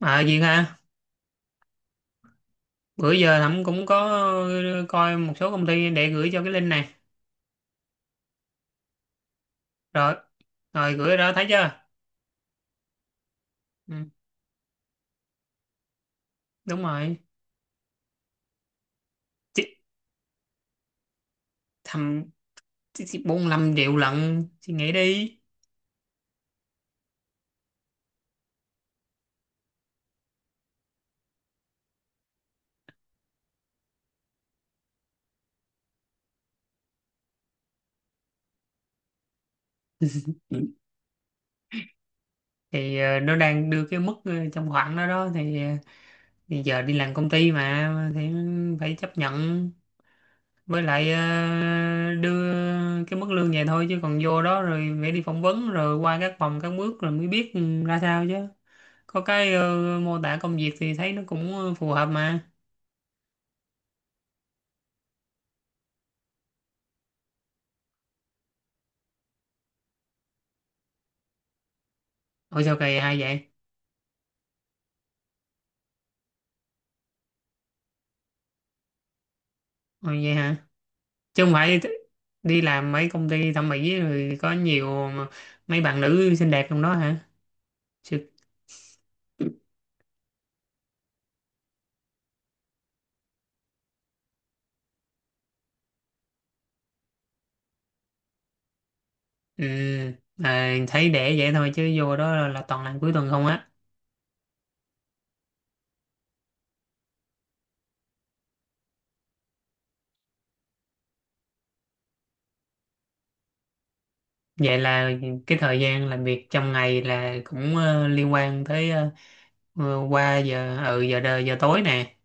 À Duyên ha, bữa giờ Thẩm cũng có coi một số công ty để gửi cho cái link này. Rồi, rồi gửi đó thấy chưa? Ừ, đúng rồi. Chị, thầm chị 45 triệu lận, chị nghĩ đi. Ừ. Thì nó đang đưa cái mức trong khoảng đó đó thì giờ đi làm công ty mà thì phải chấp nhận, với lại đưa cái mức lương vậy thôi chứ còn vô đó rồi phải đi phỏng vấn rồi qua các vòng các bước rồi mới biết ừ, ra sao chứ. Có cái mô tả công việc thì thấy nó cũng phù hợp mà. Ủa sao kỳ hay vậy? Ồ, vậy hả? Chứ không phải đi làm mấy công ty thẩm mỹ rồi có nhiều mấy bạn nữ xinh đẹp trong đó hả? Chứ- ừ, à, thấy để vậy thôi chứ vô đó là toàn làm cuối tuần không á. Vậy là cái thời gian làm việc trong ngày là cũng liên quan tới qua giờ ừ giờ đời giờ tối nè.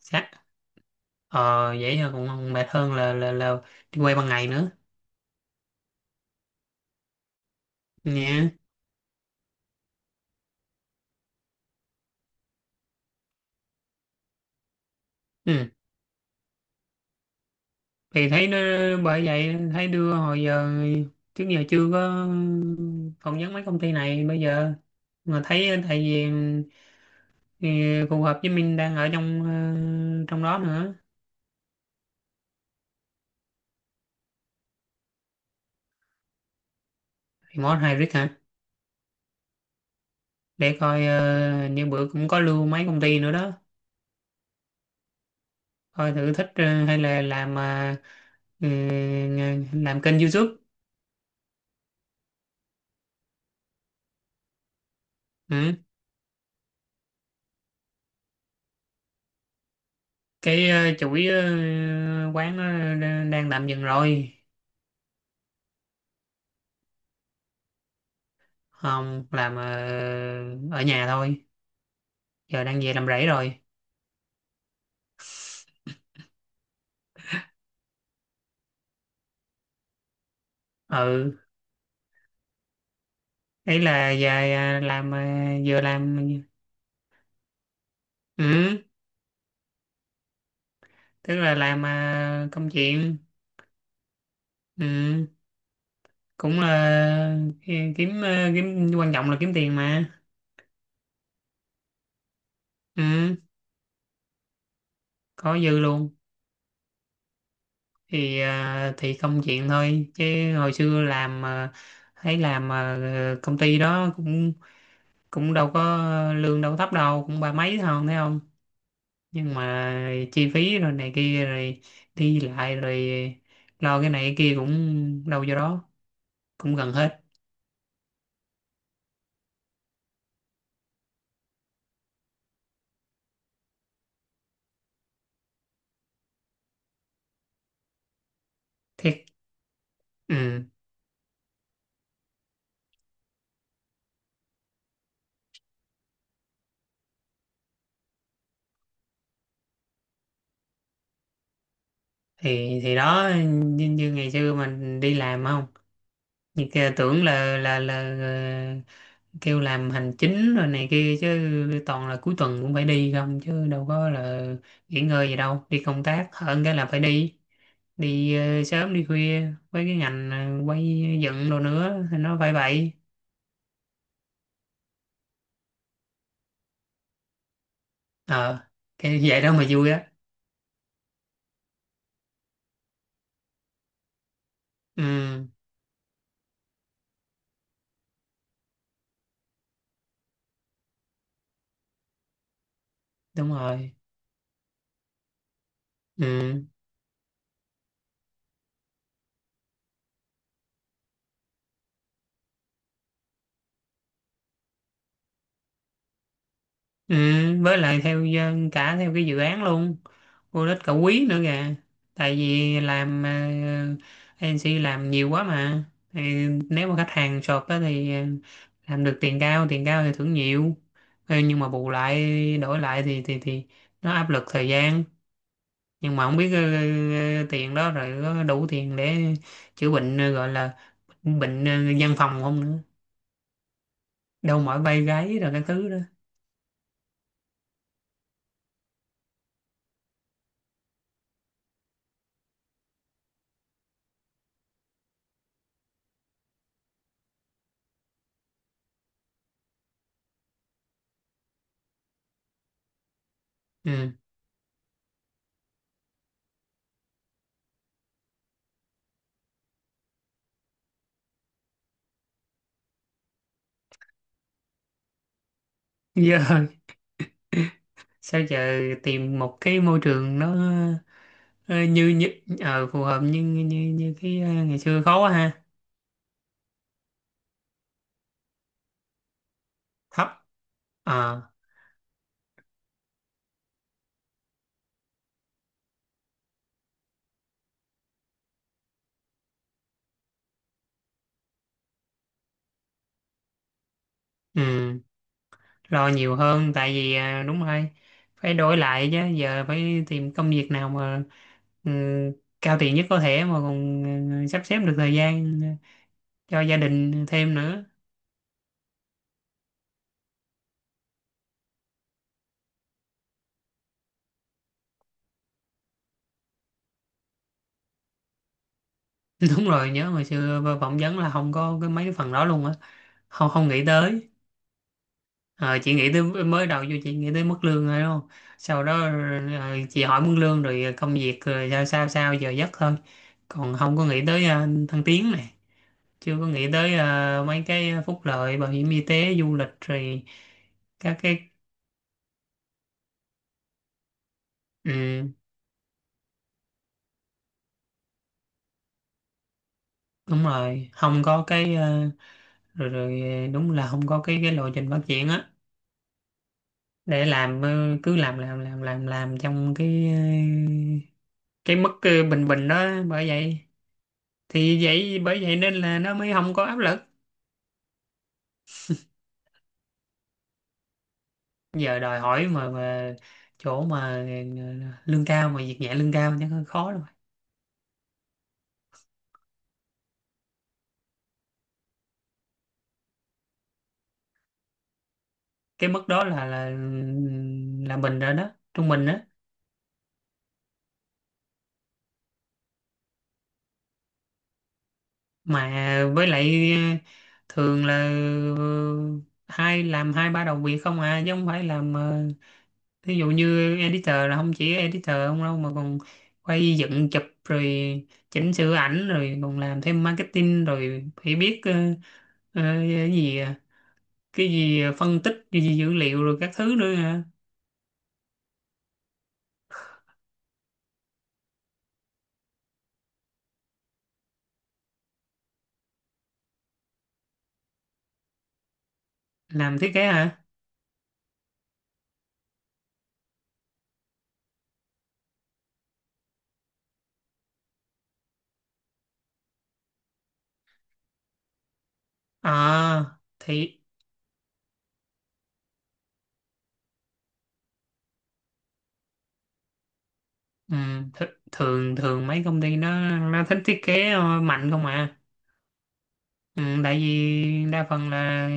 Sáng- ờ vậy thôi cũng mệt hơn là đi quay ban ngày nữa nha. Ừ. Thì thấy nó, bởi vậy thấy đưa hồi giờ trước giờ chưa có phỏng vấn mấy công ty này bây giờ mà thấy tại vì ừ, phù hợp với mình đang ở trong đó nữa. Remote hybrid hả? Để coi như bữa cũng có lưu mấy công ty nữa đó, coi thử thích hay là ừ, làm kênh YouTube. Ừ. Cái chuỗi quán nó đang tạm dừng rồi. Không, làm ở nhà thôi. Giờ đang về làm rẫy rồi. Ừ. Ấy là giờ làm vừa làm. Ừ. Tức là làm công chuyện. Ừ. Cũng là kiếm kiếm, quan trọng là kiếm tiền mà. Ừ, có dư luôn. Thì thì công chuyện thôi chứ, hồi xưa làm thấy làm công ty đó cũng cũng đâu có lương đâu có thấp đâu, cũng ba mấy thôi thấy không. Nhưng mà chi phí rồi này kia rồi đi lại rồi lo cái này cái kia cũng đâu vô đó, cũng gần hết. Thiệt. Ừ, thì đó, như ngày xưa mình đi làm không, như kia tưởng là kêu làm hành chính rồi này kia chứ toàn là cuối tuần cũng phải đi không chứ đâu có là nghỉ ngơi gì đâu, đi công tác hơn, cái là phải đi đi ờ, sớm đi khuya, với cái ngành quay dựng đồ nữa thì nó phải vậy. ờ cái vậy đó mà vui á. Ừ, đúng rồi. Ừ. Ừ. Với lại theo cả theo cái dự án luôn, vô đích cả quý nữa kìa. Tại vì làm agency làm nhiều quá mà, thì nếu mà khách hàng short á thì làm được tiền cao, tiền cao thì thưởng nhiều. Nhưng mà bù lại đổi lại thì nó áp lực thời gian, nhưng mà không biết tiền đó rồi có đủ tiền để chữa bệnh gọi là bệnh văn phòng không nữa, đâu mỏi vai gáy rồi cái thứ đó. Ừ. Giờ sao giờ tìm một cái môi trường nó ờ, như như phù hợp như như như cái ngày xưa khó quá ha. Thấp. Ờ. Ừ. Lo nhiều hơn tại vì đúng rồi, phải đổi lại chứ giờ phải tìm công việc nào mà ừ, cao tiền nhất có thể mà còn sắp xếp được thời gian cho gia đình thêm nữa. Đúng rồi, nhớ hồi xưa phỏng vấn là không có cái mấy cái phần đó luôn á. Không, không nghĩ tới. Ờ, chị nghĩ tới, mới đầu vô chị nghĩ tới mức lương rồi đúng không? Sau đó chị hỏi mức lương rồi công việc rồi sao sao sao giờ giấc thôi. Còn không có nghĩ tới thăng tiến này, chưa có nghĩ tới mấy cái phúc lợi bảo hiểm y tế, du lịch rồi các cái. Ừ, đúng rồi, không có cái ờ, rồi rồi ờ, đúng là không có cái lộ trình phát triển á. Để làm cứ làm trong cái mức bình bình đó, bởi vậy. Thì vậy, bởi vậy nên là nó mới không có áp lực. Giờ đòi hỏi mà chỗ mà lương cao mà việc nhẹ, lương cao chắc hơi khó rồi. Cái mức đó là mình rồi đó, trung bình đó. Mà với lại thường là ờ, hai làm hai ba đầu việc không à, chứ không phải làm ví dụ như editor là không chỉ editor không đâu, mà còn quay dựng chụp rồi chỉnh sửa ảnh rồi còn làm thêm marketing rồi phải biết ờ, cái gì à, phân tích cái gì dữ liệu rồi các thứ nữa hả. Làm thiết kế hả? Ờ thì ừ, th thường thường mấy công ty nó thích thiết kế mạnh không à. Ừ, tại vì đa phần là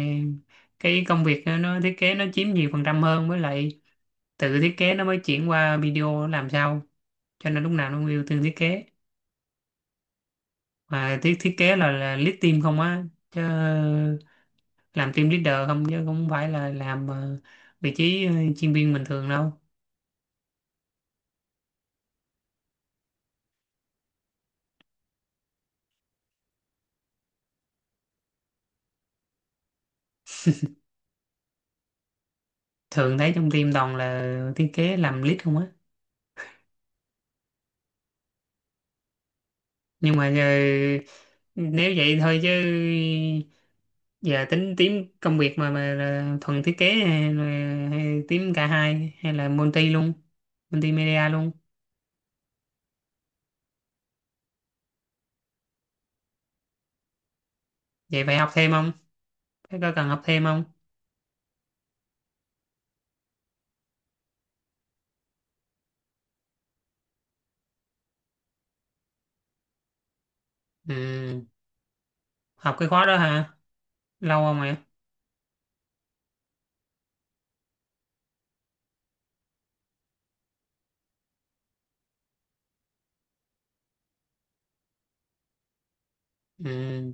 cái công việc nó thiết kế nó chiếm nhiều phần trăm hơn, với lại tự thiết kế nó mới chuyển qua video làm sao, cho nên lúc nào nó cũng ưu tiên thiết kế. Mà thiết thiết kế là lead team không á, chứ làm team leader không chứ không phải là làm vị trí chuyên viên bình thường đâu. Thường thấy trong team toàn là thiết kế làm lead không á. Nhưng mà giờ, nếu vậy thôi chứ giờ tính team công việc mà là thuần thiết kế hay là, hay team cả hai, hay là multi luôn, multimedia luôn. Vậy phải học thêm không? Phải có cần học thêm không? Ừ. Học cái khóa đó hả? Lâu không ạ? Ừ.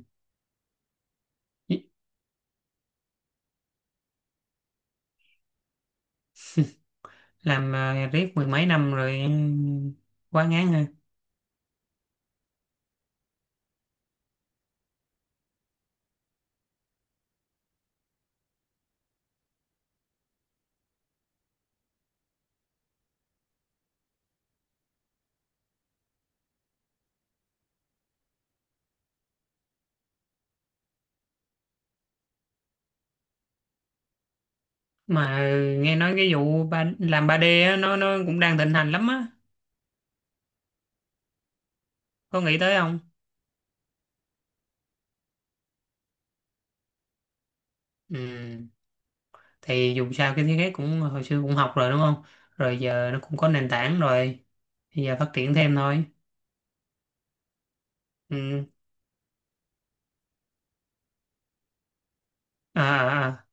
Làm riết mười mấy năm rồi ừ, quá ngán hả? Mà nghe nói cái vụ làm 3D á, nó cũng đang thịnh hành lắm á. Có nghĩ tới không? Ừ. Thì dù sao cái thiết kế cũng hồi xưa cũng học rồi đúng không? Rồi giờ nó cũng có nền tảng rồi. Bây giờ phát triển thêm thôi. Ừ. À, à, à.